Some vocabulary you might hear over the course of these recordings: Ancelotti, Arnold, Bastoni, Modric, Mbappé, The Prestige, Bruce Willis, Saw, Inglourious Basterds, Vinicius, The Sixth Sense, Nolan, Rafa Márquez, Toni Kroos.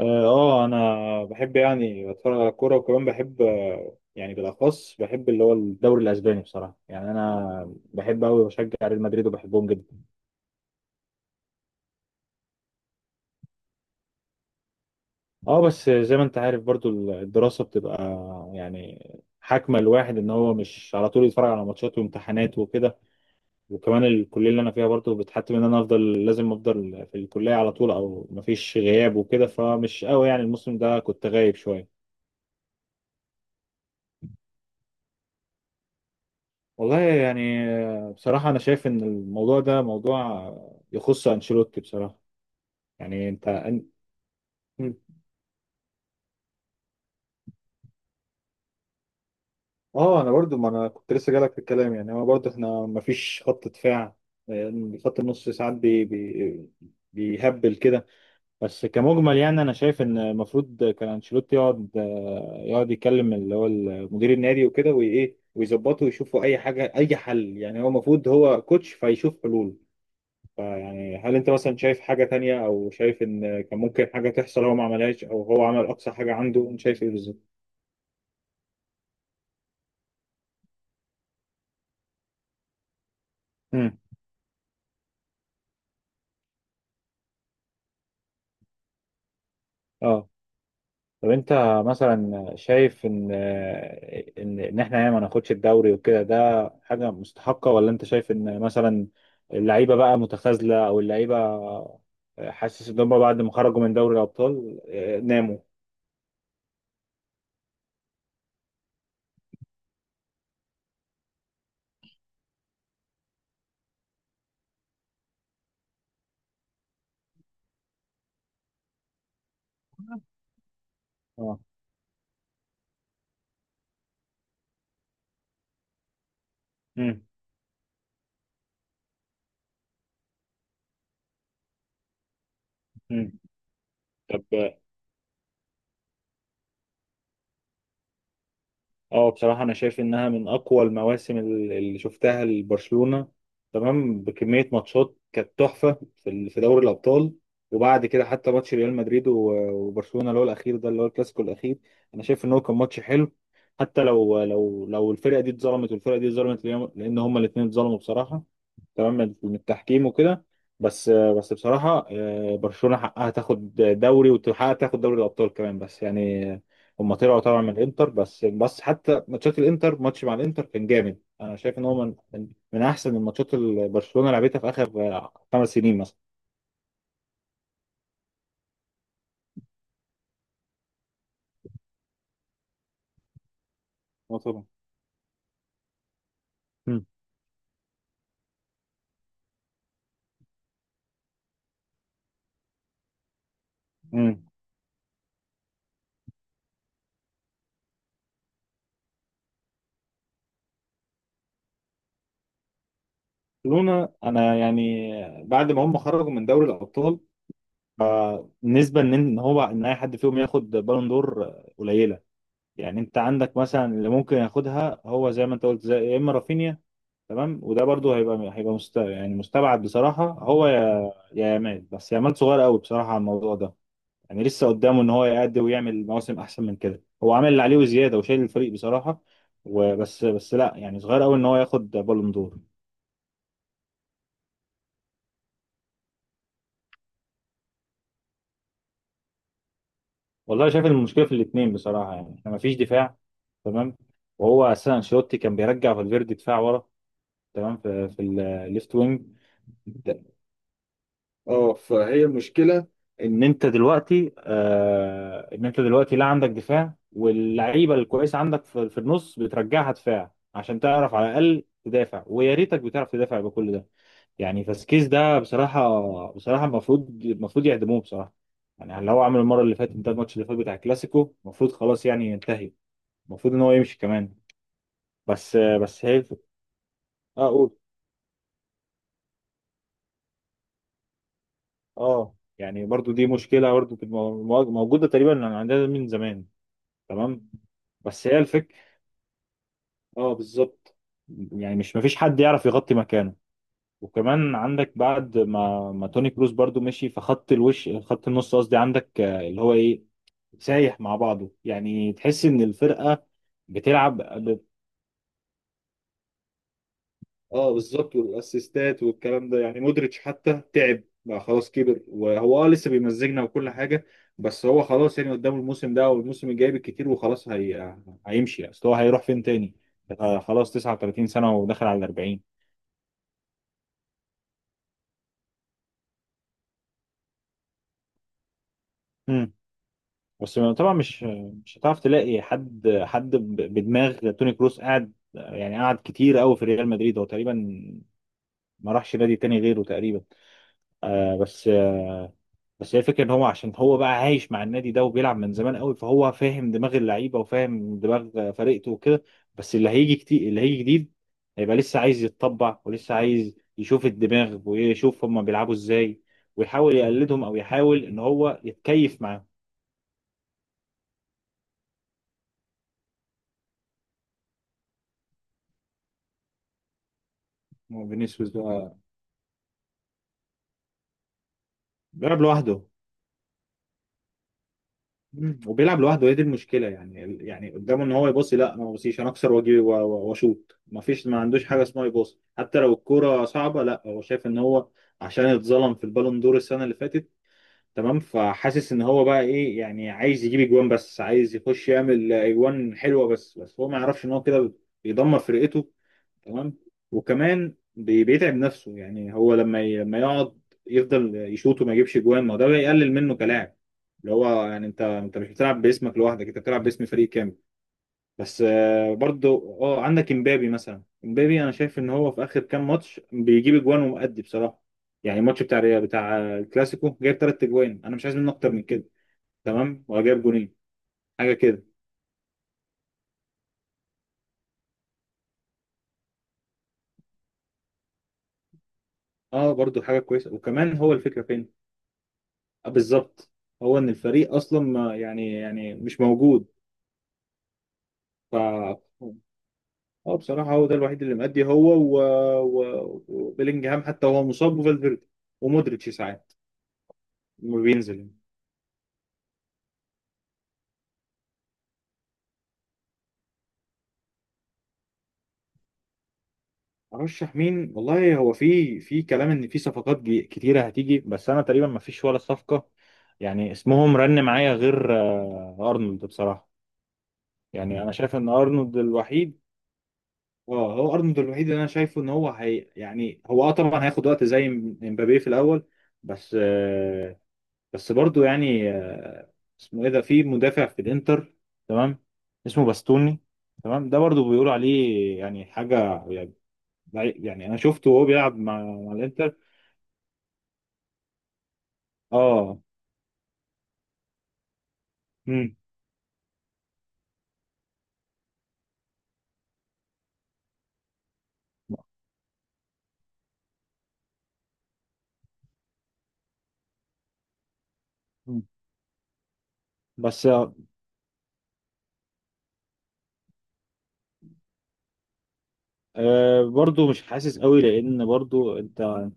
اه انا بحب يعني اتفرج على الكوره، وكمان بحب يعني بالاخص بحب اللي هو الدوري الاسباني بصراحه. يعني انا بحب قوي بشجع ريال مدريد وبحبهم جدا. اه بس زي ما انت عارف برضو الدراسه بتبقى يعني حاكمه الواحد ان هو مش على طول يتفرج على ماتشات وامتحانات وكده. وكمان الكليه اللي انا فيها برضو بتحتم ان انا افضل، لازم افضل في الكليه على طول، او مفيش غياب وكده، فمش قوي يعني الموسم ده كنت غايب شويه. والله يعني بصراحة أنا شايف إن الموضوع ده موضوع يخص أنشيلوتي بصراحة. يعني م. أنا برضو، ما أنا كنت لسه جالك في الكلام، يعني هو برضو إحنا مفيش خط دفاع. يعني خط النص ساعات بيهبل كده. بس كمجمل يعني أنا شايف إن المفروض كان أنشيلوتي يقعد يكلم اللي هو مدير النادي وكده، وإيه ويظبطوا ويشوفوا أي حاجة أي حل. يعني هو المفروض هو كوتش فيشوف حلول. فيعني هل انت مثلا شايف حاجة تانية، او شايف ان كان ممكن حاجة تحصل هو ما عملهاش، او هو عمل اقصى حاجة عنده، انت شايف ايه بالظبط؟ امم اه، طب انت مثلا شايف ان احنا يعني ما ناخدش الدوري وكده ده حاجه مستحقه، ولا انت شايف ان مثلا اللعيبه بقى متخاذله، او اللعيبه حاسس ان هم بعد ما خرجوا من دوري الابطال ناموا. اه. مم. مم. اه بصراحة أنا شايف إنها من أقوى المواسم اللي شفتها لبرشلونة. تمام، بكمية ماتشات كانت تحفة في في دوري الأبطال. وبعد كده حتى ماتش ريال مدريد وبرشلونة اللي هو الأخير ده اللي هو الكلاسيكو الأخير، أنا شايف إن هو كان ماتش حلو. حتى لو الفرقة دي اتظلمت والفرقة دي اتظلمت، لأن هما الاتنين اتظلموا بصراحة. تمام، من التحكيم وكده. بس بصراحة برشلونة حقها تاخد دوري، وتحقق تاخد دوري الأبطال كمان. بس يعني هم طلعوا طبعا من الانتر. بس حتى ماتشات الانتر، ماتش مع الانتر كان جامد، انا شايف ان هو من احسن الماتشات اللي برشلونة لعبتها في اخر خمس سنين مثلا. اه طبعا. مم. مم. برشلونة انا يعني بعد ما هم خرجوا من دوري الأبطال نسبة ان إن هو ان اي حد فيهم ياخد بالون دور قليلة. يعني انت عندك مثلا اللي ممكن ياخدها هو زي ما انت قلت، زي يا اما رافينيا. تمام، وده برضو يعني مستبعد بصراحه. هو يا يا يامال. بس يامال صغير قوي بصراحه على الموضوع ده. يعني لسه قدامه ان هو يأدي ويعمل مواسم احسن من كده، هو عامل اللي عليه وزياده وشايل الفريق بصراحه. وبس لا يعني صغير قوي ان هو ياخد بالون دور. والله شايف المشكله في الاثنين بصراحه، يعني احنا مفيش دفاع. تمام. وهو اساسا انشيلوتي كان بيرجع فالفيردي دفاع ورا، تمام، في الليفت وينج. اه فهي المشكله، ان انت دلوقتي لا عندك دفاع، واللعيبه الكويسه عندك في النص بترجعها دفاع عشان تعرف على الاقل تدافع، ويا ريتك بتعرف تدافع بكل ده. يعني فاسكيز ده بصراحه المفروض يعدموه بصراحه. يعني اللي هو عمله المره اللي فاتت ده، الماتش اللي فات بتاع الكلاسيكو، المفروض خلاص يعني ينتهي، المفروض ان هو يمشي كمان. بس هي. اه قول. اه يعني برضو دي مشكله برضو كانت موجوده تقريبا عندنا من زمان. تمام بس هي الفكرة. اه بالظبط. يعني مش مفيش حد يعرف يغطي مكانه. وكمان عندك بعد ما توني كروس برضو مشي، فخط الوش، خط النص قصدي، عندك اللي هو ايه، سايح مع بعضه، يعني تحس ان الفرقة بتلعب. اه بالظبط، والاسيستات والكلام ده. يعني مودريتش حتى تعب بقى خلاص كبر، وهو اه لسه بيمزجنا وكل حاجه. بس هو خلاص يعني قدامه الموسم ده والموسم الجاي بالكتير، وخلاص، هيمشي، اصل هو هيروح فين تاني. آه خلاص 39 سنه وداخل على ال 40. امم بس طبعا مش هتعرف تلاقي حد بدماغ توني كروس. قاعد يعني قعد كتير قوي في ريال مدريد، هو تقريبا ما راحش نادي تاني غيره تقريبا. بس هي الفكره ان هو عشان هو بقى عايش مع النادي ده وبيلعب من زمان قوي، فهو فاهم دماغ اللعيبه وفاهم دماغ فرقته وكده. بس اللي هيجي كتير، اللي هيجي جديد، هيبقى لسه عايز يتطبع، ولسه عايز يشوف الدماغ ويشوف هما بيلعبوا ازاي، ويحاول يقلدهم، او يحاول ان هو يتكيف معاهم. هو فينيسيوس ده بيلعب لوحده. مم. وبيلعب لوحده، هي دي المشكله. يعني يعني قدامه ان هو يباصي، لا، انا ما بصيش، انا اكسر واجي واشوط. ما فيش، ما عندوش حاجه اسمها يباصي حتى لو الكوره صعبه. لا، هو شايف ان هو عشان اتظلم في البالون دور السنه اللي فاتت. تمام، فحاسس ان هو بقى ايه، يعني عايز يجيب اجوان، بس عايز يخش يعمل اجوان حلوه. بس هو ما يعرفش ان هو كده بيدمر فرقته. تمام. وكمان بيتعب نفسه. يعني هو لما لما يقعد يفضل يشوط وما يجيبش جوان، ما هو ده بيقلل منه كلاعب، اللي هو يعني انت مش بتلعب باسمك لوحدك، انت بتلعب باسم فريق كامل. بس برضو اه عندك امبابي مثلا. امبابي انا شايف ان هو في اخر كام ماتش بيجيب اجوان ومؤدي بصراحه. يعني الماتش بتاع بتاع الكلاسيكو جايب ثلاث اجوان، انا مش عايز منه اكتر من كده. تمام، وجايب جونين حاجه كده. اه برضو حاجه كويسه. وكمان هو الفكره فين، بالظبط، هو ان الفريق اصلا ما يعني مش موجود. ف اه بصراحه هو ده الوحيد اللي مأدي، هو وبيلينجهام حتى وهو مصاب، وفالفيردي، ومودريتش ساعات لما بينزل. ارشح مين، والله هو في كلام ان في صفقات كتيره هتيجي، بس انا تقريبا ما فيش ولا صفقه. يعني اسمهم رن معايا غير ارنولد بصراحه. يعني انا شايف ان ارنولد الوحيد. اه هو ارنولد الوحيد اللي انا شايفه ان هو هي يعني هو. اه طبعا هياخد وقت زي مبابي في الاول. بس برضو يعني اسمه ايه ده، في مدافع في الانتر، تمام، اسمه باستوني. تمام ده برضو بيقولوا عليه يعني حاجه يعني. يعني انا شفته وهو بيلعب مع الانتر. اه. امم. بس برضو مش حاسس قوي. لان برضو انت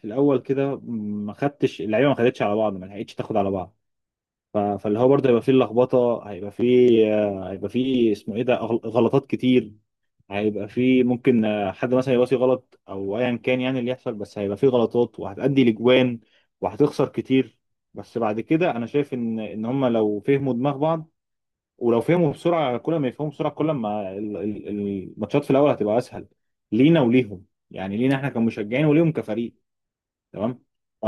في الاول كده ما خدتش اللعيبه، ما خدتش على بعض، ما لحقتش تاخد على بعض. فاللي هو برضه هيبقى فيه لخبطه، هيبقى فيه هيبقى فيه اسمه ايه ده غلطات كتير. هيبقى فيه ممكن حد مثلا يباصي غلط، او ايا كان يعني اللي يحصل، بس هيبقى فيه غلطات وهتأدي لجوان، وهتخسر كتير. بس بعد كده انا شايف ان هم لو فهموا دماغ بعض، ولو فهموا بسرعه. كل ما يفهموا بسرعه كل ما الماتشات في الاول هتبقى اسهل لينا وليهم. يعني لينا احنا كمشجعين وليهم كفريق. تمام. ف...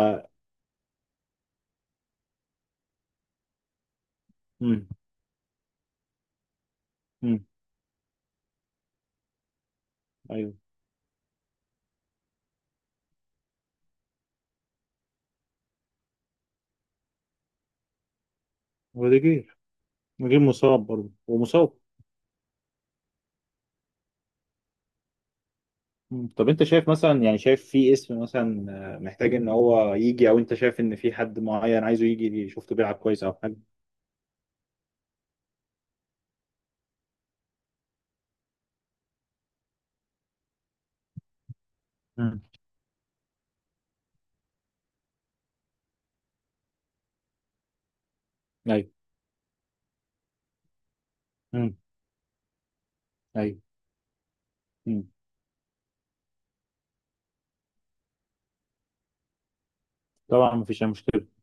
مم. مم. ايوه، وديجير نجيب مصاب برضه ومصاب. مم. طب انت شايف مثلا، يعني شايف في اسم مثلا محتاج ان هو يجي، او انت شايف ان في حد معين عايزه يجي شفته بيلعب كويس او حاجه. مم. ايوه. امم. ايوه. امم. طبعا مفيش اي مشكله.